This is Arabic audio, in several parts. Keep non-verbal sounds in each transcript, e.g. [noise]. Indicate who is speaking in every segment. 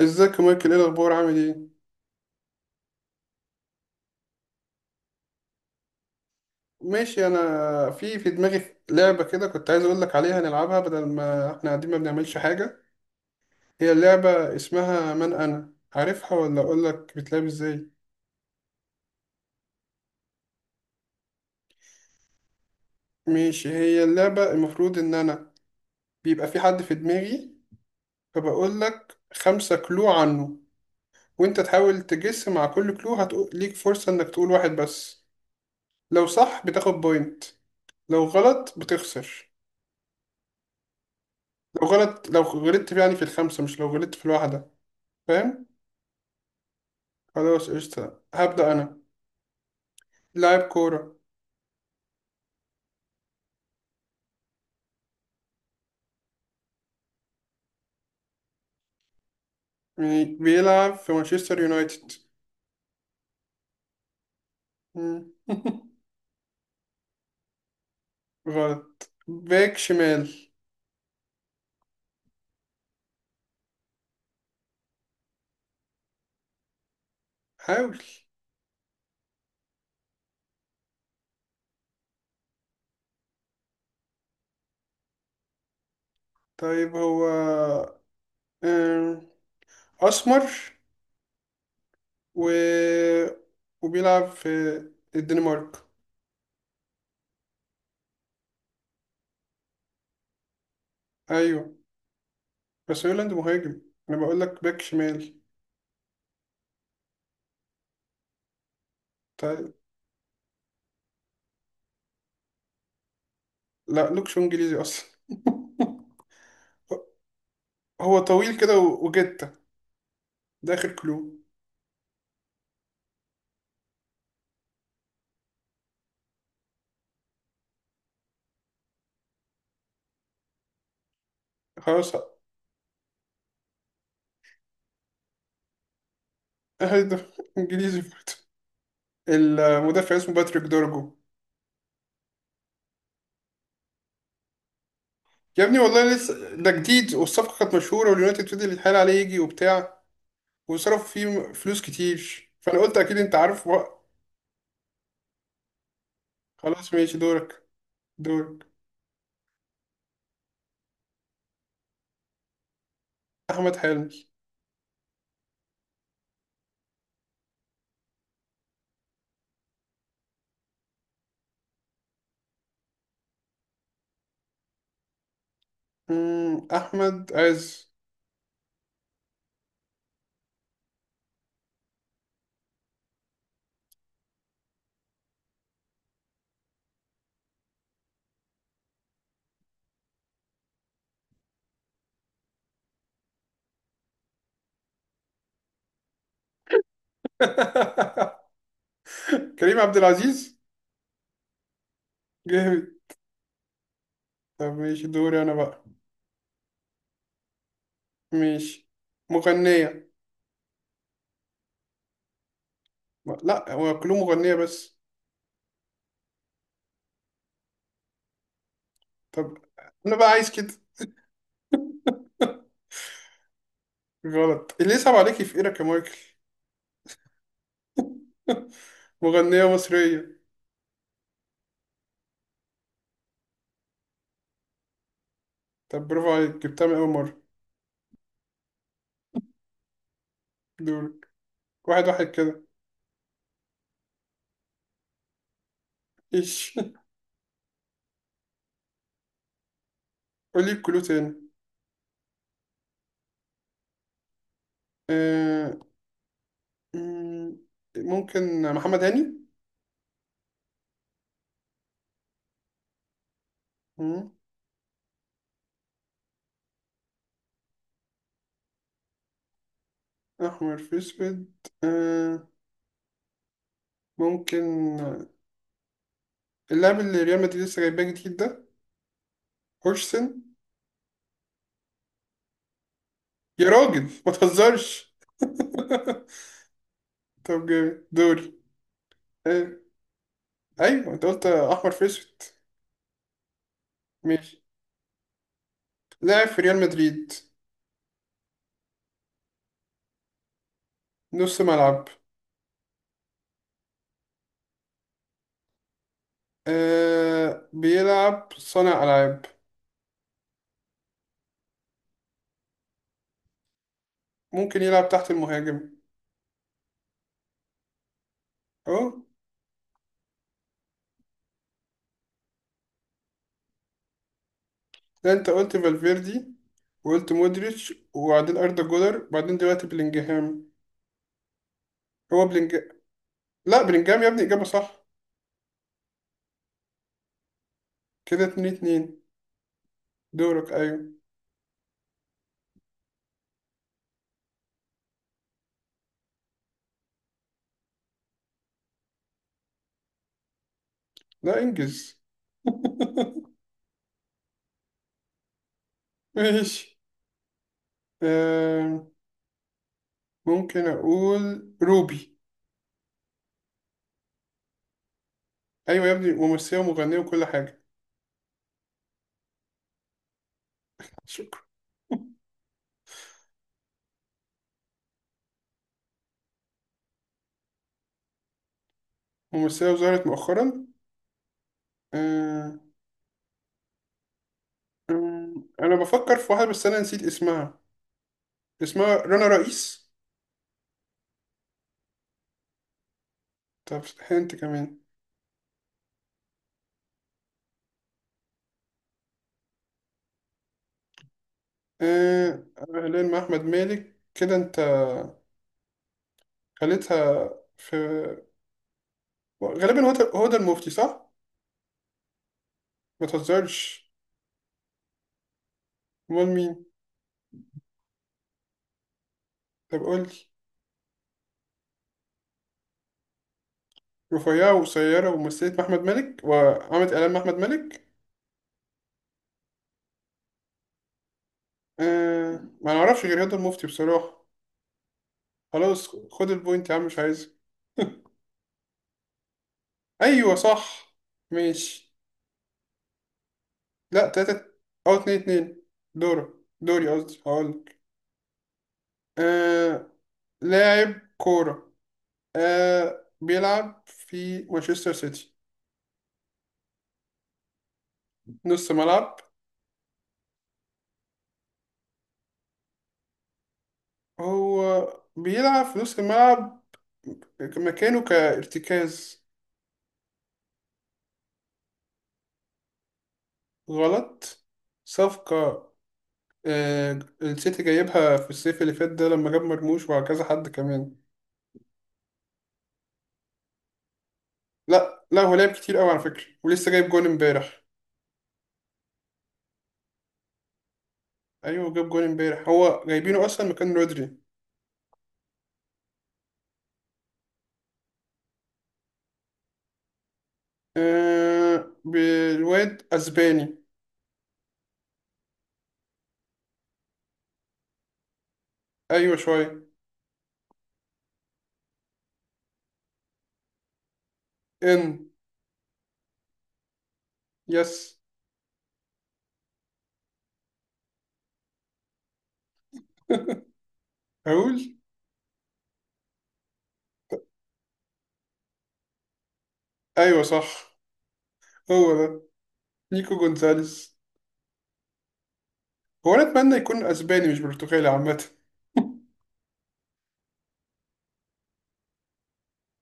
Speaker 1: ازيك يا مايكل؟ ايه الاخبار؟ عامل ايه؟ ماشي، انا في دماغي لعبه كده، كنت عايز اقول لك عليها نلعبها بدل ما احنا قاعدين ما بنعملش حاجه. هي لعبه اسمها من، انا عارفها ولا اقول لك بتلعب ازاي؟ ماشي، هي اللعبه المفروض ان انا بيبقى في حد في دماغي، فبقول لك 5 كلو عنه، وانت تحاول تجس. مع كل كلو هتقول ليك فرصه انك تقول واحد بس. لو صح بتاخد بوينت، لو غلط بتخسر. لو غلطت يعني في الخمسه، مش لو غلطت في الواحده. فاهم؟ خلاص قشطة، هبدأ أنا. لاعب كورة. يعني بيلعب في مانشستر يونايتد. مم. [laughs] غلط، باك شمال. حاول. طيب هو آم، أسمر و... وبيلعب في الدنمارك. أيوه، بس هويلاند مهاجم، أنا بقول لك باك شمال. طيب، لا، لوكش إنجليزي أصلا. [laughs] هو طويل كده وجتة، ده آخر كلو. خلاص. أهدف [laughs] إنجليزي برضه. المدافع اسمه باتريك دورجو. يا ابني والله لسه ده جديد، والصفقة كانت مشهورة، واليونايتد فضل يتحايل عليه يجي وبتاع، وصرفوا فيه فلوس كتير، فأنا قلت أكيد أنت عارف بقى. خلاص ماشي، دورك. دورك. أحمد حلمي. أحمد عز. [laughs] كريم عبد العزيز. جامد. طب ماشي، دوري أنا بقى. ماشي. مغنية. لا، هو كلهم مغنية بس. طب أنا بقى عايز كده. غلط. اللي يصعب عليكي في إيرك يا مايكل. [laughs] مغنية مصرية. طب برافو عليك، جبتها من أول مرة. دورك. 1-1 كده. إيش؟ [laughs] قولي الكلو تاني. آه... مم، ممكن محمد هاني. مم، أحمر في أسود. آه... ممكن. اللاعب اللي ريال مدريد لسه جايباه جديد ده. هورسن. يا راجل ما تهزرش. [laughs] طب جامد دوري. آه... أيوه أنت قلت أحمر في أسود. ماشي. لاعب في ريال مدريد. نص ملعب. بيلعب صانع ألعاب. ممكن يلعب تحت المهاجم. اه. ده انت قلت فالفيردي، وقلت مودريتش، وبعدين اردا جولر، بعدين دلوقتي بلينجهام. هو بلينج. لا، بلينجهام يا ابني اجابه صح. كده 2-2. دورك، ايوه. لا انجز. [laughs] ماشي. آم، ممكن اقول روبي. ايوه يا ابني، ممثله ومغنيه وكل حاجه. شكرا. ممثله وظهرت مؤخرا. آم، انا بفكر في واحده بس انا نسيت اسمها. اسمها رنا رئيس. طب انت كمان. آه، هلال مع احمد مالك كده، انت خليتها في. غالبا هو هو ده المفتي صح؟ ما تهزرش. امال مين؟ طب قول لي. رفيعة وقصيرة ومثلت مع أحمد مالك وعملت إعلان مع أحمد مالك. آه. ما نعرفش غير هدى المفتي بصراحة. خلاص خد البوينت يا عم، مش عايزها. أيوة صح. ماشي. لا، تلاتة. أو 2-2. دورة دوري قصدي، هقولك. آه. لاعب كورة. آه بيلعب في مانشستر سيتي. نص ملعب. هو بيلعب في نص الملعب، مكانه كارتكاز. غلط. صفقة. آه، السيتي جايبها في الصيف اللي فات ده، لما جاب مرموش وكذا حد كمان. لا لا، هو لعب كتير قوي على فكرة، ولسه جايب جون امبارح. ايوه، جاب جون امبارح، هو جايبينه اصلا مكان رودري. آه بالواد اسباني. ايوه شوية. ان. يس. هقول. ايوه صح، هو ده. نيكو جونزاليس. هو انا اتمنى يكون اسباني مش برتغالي عامة.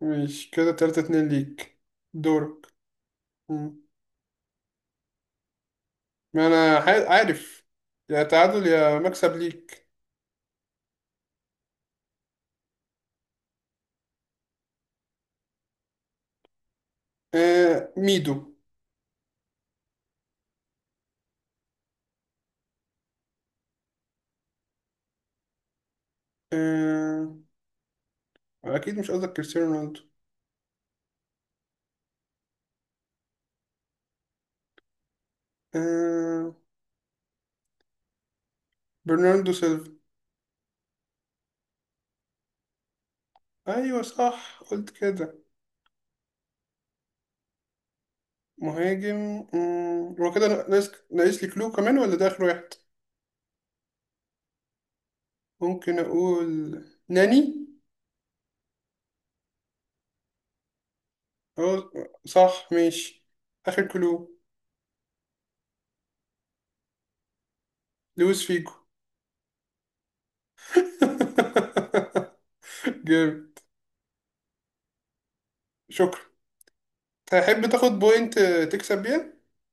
Speaker 1: مش كده 3-2 ليك. دورك. مم. ما انا عارف. يا تعادل يا مكسب ليك. آه ميدو. آه. اكيد مش قصدك كريستيانو رونالدو. آه. برناردو سيلفا. ايوه صح، قلت كده. مهاجم. هو كده ناقص لي كلو كمان ولا ده اخر واحد؟ ممكن اقول ناني. اه. صح ماشي. آخر كلو. لويس فيجو. [laughs] جيم. شكرا. تحب تاخد بوينت تكسب بيها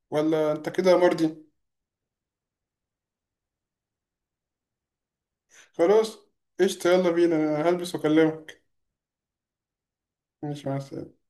Speaker 1: ولا انت كده مرضي؟ خلاص قشطة، يلا بينا، أنا هلبس واكلمك. ماشي، مع السلامة.